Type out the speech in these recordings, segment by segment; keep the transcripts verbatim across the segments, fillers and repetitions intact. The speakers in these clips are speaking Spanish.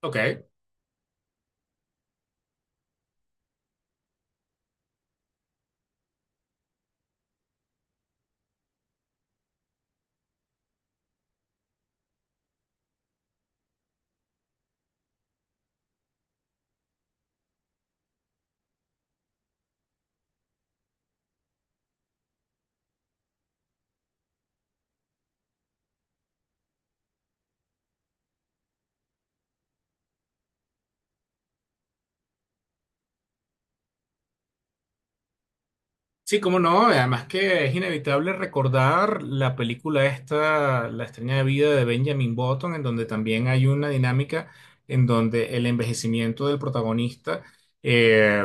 Ok, sí, cómo no, además que es inevitable recordar la película esta, La extraña vida de Benjamin Button, en donde también hay una dinámica en donde el envejecimiento del protagonista eh,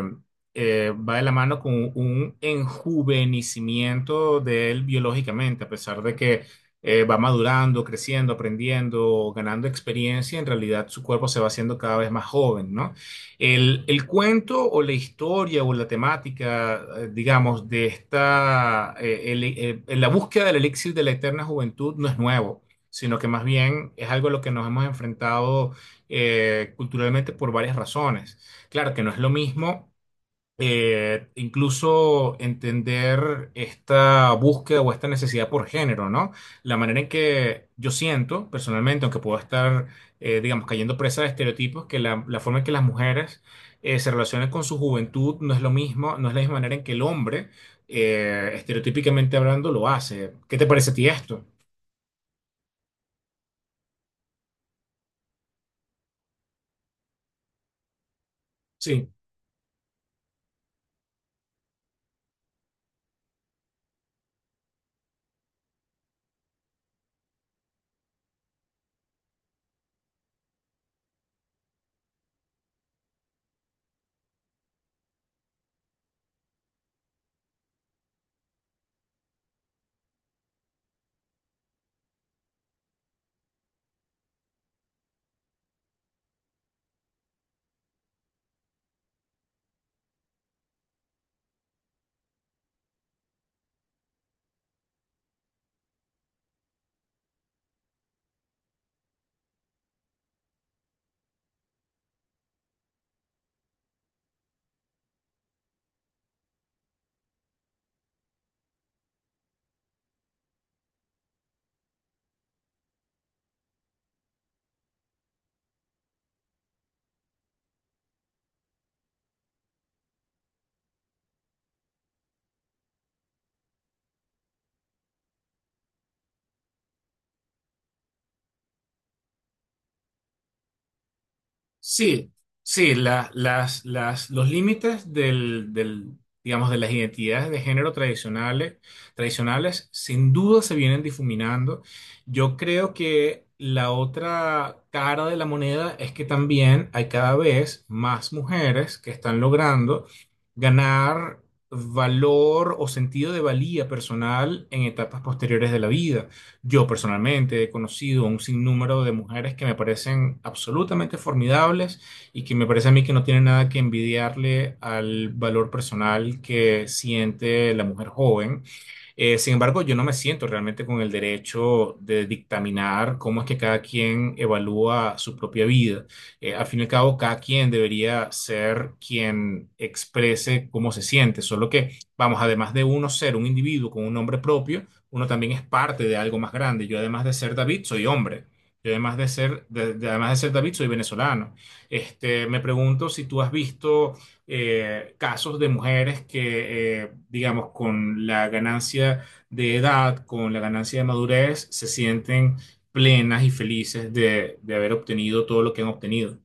eh, va de la mano con un enjuvenecimiento de él biológicamente, a pesar de que eh, va madurando, creciendo, aprendiendo, ganando experiencia, en realidad su cuerpo se va haciendo cada vez más joven, ¿no? El, el cuento o la historia o la temática, eh, digamos, de esta, eh, el- eh, la búsqueda del elixir de la eterna juventud no es nuevo, sino que más bien es algo a lo que nos hemos enfrentado eh, culturalmente por varias razones. Claro que no es lo mismo eh, incluso entender esta búsqueda o esta necesidad por género, ¿no? La manera en que yo siento personalmente, aunque puedo estar, eh, digamos, cayendo presa de estereotipos, que la, la forma en que las mujeres eh, se relacionan con su juventud no es lo mismo, no es la misma manera en que el hombre, eh, estereotípicamente hablando, lo hace. ¿Qué te parece a ti esto? Sí. Sí, sí, la- las, las, los límites del, del, digamos, de las identidades de género tradicionales, tradicionales sin duda se vienen difuminando. Yo creo que la otra cara de la moneda es que también hay cada vez más mujeres que están logrando ganar valor o sentido de valía personal en etapas posteriores de la vida. Yo personalmente he conocido un sinnúmero de mujeres que me parecen absolutamente formidables y que me parece a mí que no tienen nada que envidiarle al valor personal que siente la mujer joven. Eh, sin embargo, yo no me siento realmente con el derecho de dictaminar cómo es que cada quien evalúa su propia vida. Eh, al fin y al cabo, cada quien debería ser quien exprese cómo se siente, solo que, vamos, además de uno ser un individuo con un nombre propio, uno también es parte de algo más grande. Yo además de ser David, soy hombre. Yo además de ser, de- de- además de ser David, soy venezolano. Este, me pregunto si tú has visto eh, casos de mujeres que, eh, digamos, con la ganancia de edad, con la ganancia de madurez, se sienten plenas y felices de, de haber obtenido todo lo que han obtenido.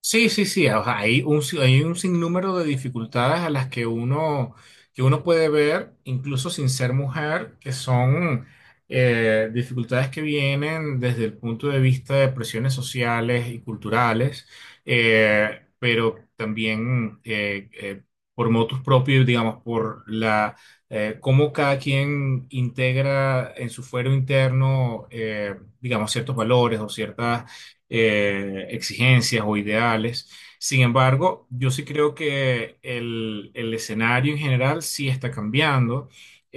Sí, sí, sí. O sea, hay un, si- hay un sinnúmero de dificultades a las que uno, que uno puede ver, incluso sin ser mujer, que son eh, dificultades que vienen desde el punto de vista de presiones sociales y culturales, eh, pero también eh, eh, por motus propios, digamos, por la eh, cómo cada quien integra en su fuero interno, eh, digamos, ciertos valores o ciertas eh, exigencias o ideales. Sin embargo, yo sí creo que el, el escenario en general sí está cambiando,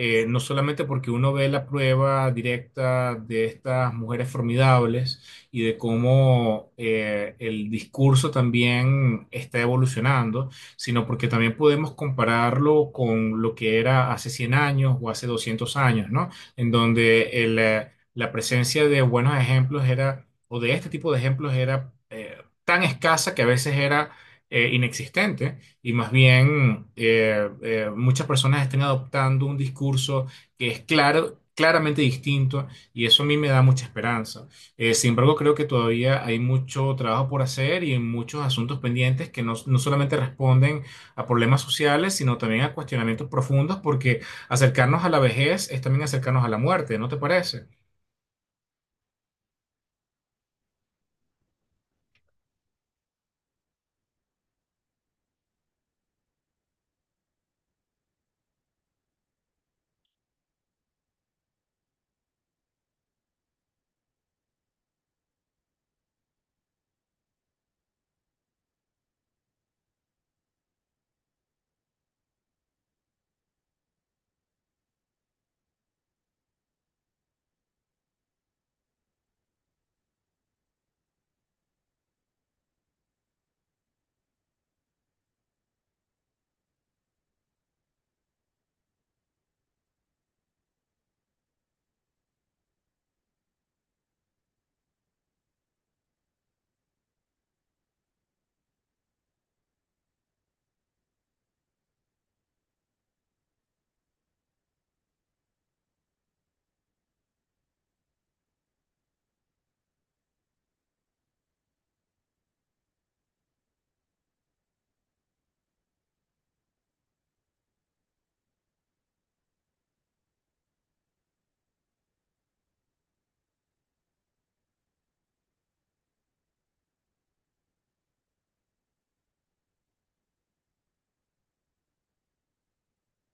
eh, no solamente porque uno ve la prueba directa de estas mujeres formidables y de cómo eh, el discurso también está evolucionando, sino porque también podemos compararlo con lo que era hace cien años o hace doscientos años, ¿no? En donde el... eh, la presencia de buenos ejemplos era, o de este tipo de ejemplos era eh, tan escasa que a veces era eh, inexistente y más bien eh, eh, muchas personas estén adoptando un discurso que es claro, claramente distinto y eso a mí me da mucha esperanza. Eh, sin embargo, creo que todavía hay mucho trabajo por hacer y muchos asuntos pendientes que no, no solamente responden a problemas sociales, sino también a cuestionamientos profundos, porque acercarnos a la vejez es también acercarnos a la muerte, ¿no te parece?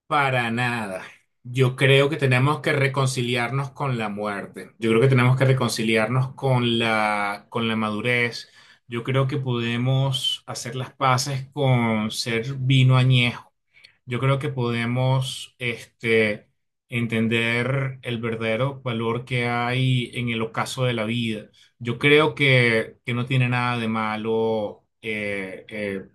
Para nada. Yo creo que tenemos que reconciliarnos con la muerte. Yo creo que tenemos que reconciliarnos con la, con la madurez. Yo creo que podemos hacer las paces con ser vino añejo. Yo creo que podemos, este, entender el verdadero valor que hay en el ocaso de la vida. Yo creo que, que no tiene nada de malo, eh, eh,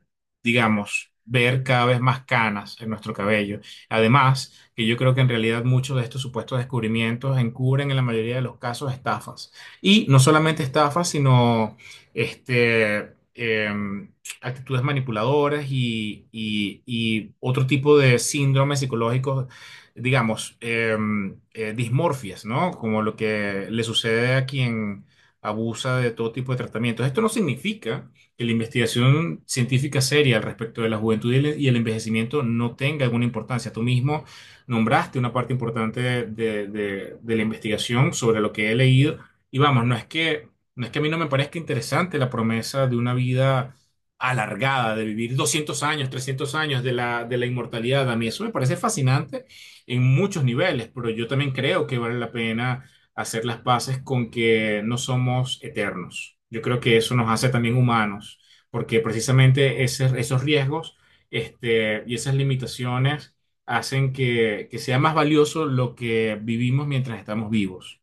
digamos, ver cada vez más canas en nuestro cabello. Además, que yo creo que en realidad muchos de estos supuestos descubrimientos encubren en la mayoría de los casos estafas. Y no solamente estafas, sino este, em, actitudes manipuladoras y, y- y otro tipo de síndromes psicológicos, digamos, em, eh, dismorfias, ¿no? Como lo que le sucede a quien abusa de todo tipo de tratamientos. Esto no significa que la investigación científica seria al respecto de la juventud y el, y el envejecimiento no tenga alguna importancia. Tú mismo nombraste una parte importante de, de- de- de la investigación sobre lo que he leído y vamos, no es que, no es que a mí no me parezca interesante la promesa de una vida alargada, de vivir doscientos años, trescientos años de la, de la inmortalidad. A mí eso me parece fascinante en muchos niveles, pero yo también creo que vale la pena hacer las paces con que no somos eternos. Yo creo que eso nos hace también humanos, porque precisamente ese- esos riesgos este, y esas limitaciones hacen que, que sea más valioso lo que vivimos mientras estamos vivos.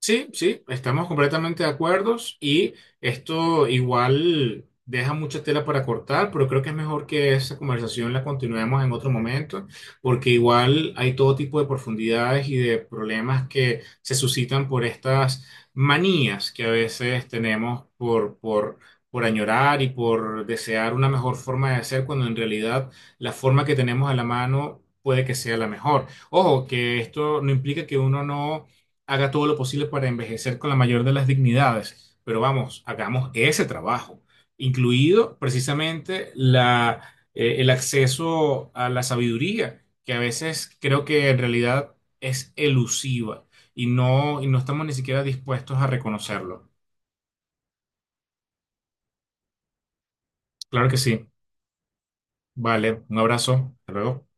Sí, sí, estamos completamente de acuerdo y esto igual deja mucha tela para cortar, pero creo que es mejor que esa conversación la continuemos en otro momento, porque igual hay todo tipo de profundidades y de problemas que se suscitan por estas manías que a veces tenemos por, por, por añorar y por desear una mejor forma de ser, cuando en realidad la forma que tenemos a la mano puede que sea la mejor. Ojo, que esto no implica que uno no haga todo lo posible para envejecer con la mayor de las dignidades. Pero vamos, hagamos ese trabajo, incluido precisamente la, eh, el acceso a la sabiduría, que a veces creo que en realidad es elusiva y no, y no estamos ni siquiera dispuestos a reconocerlo. Claro que sí. Vale, un abrazo. Hasta luego.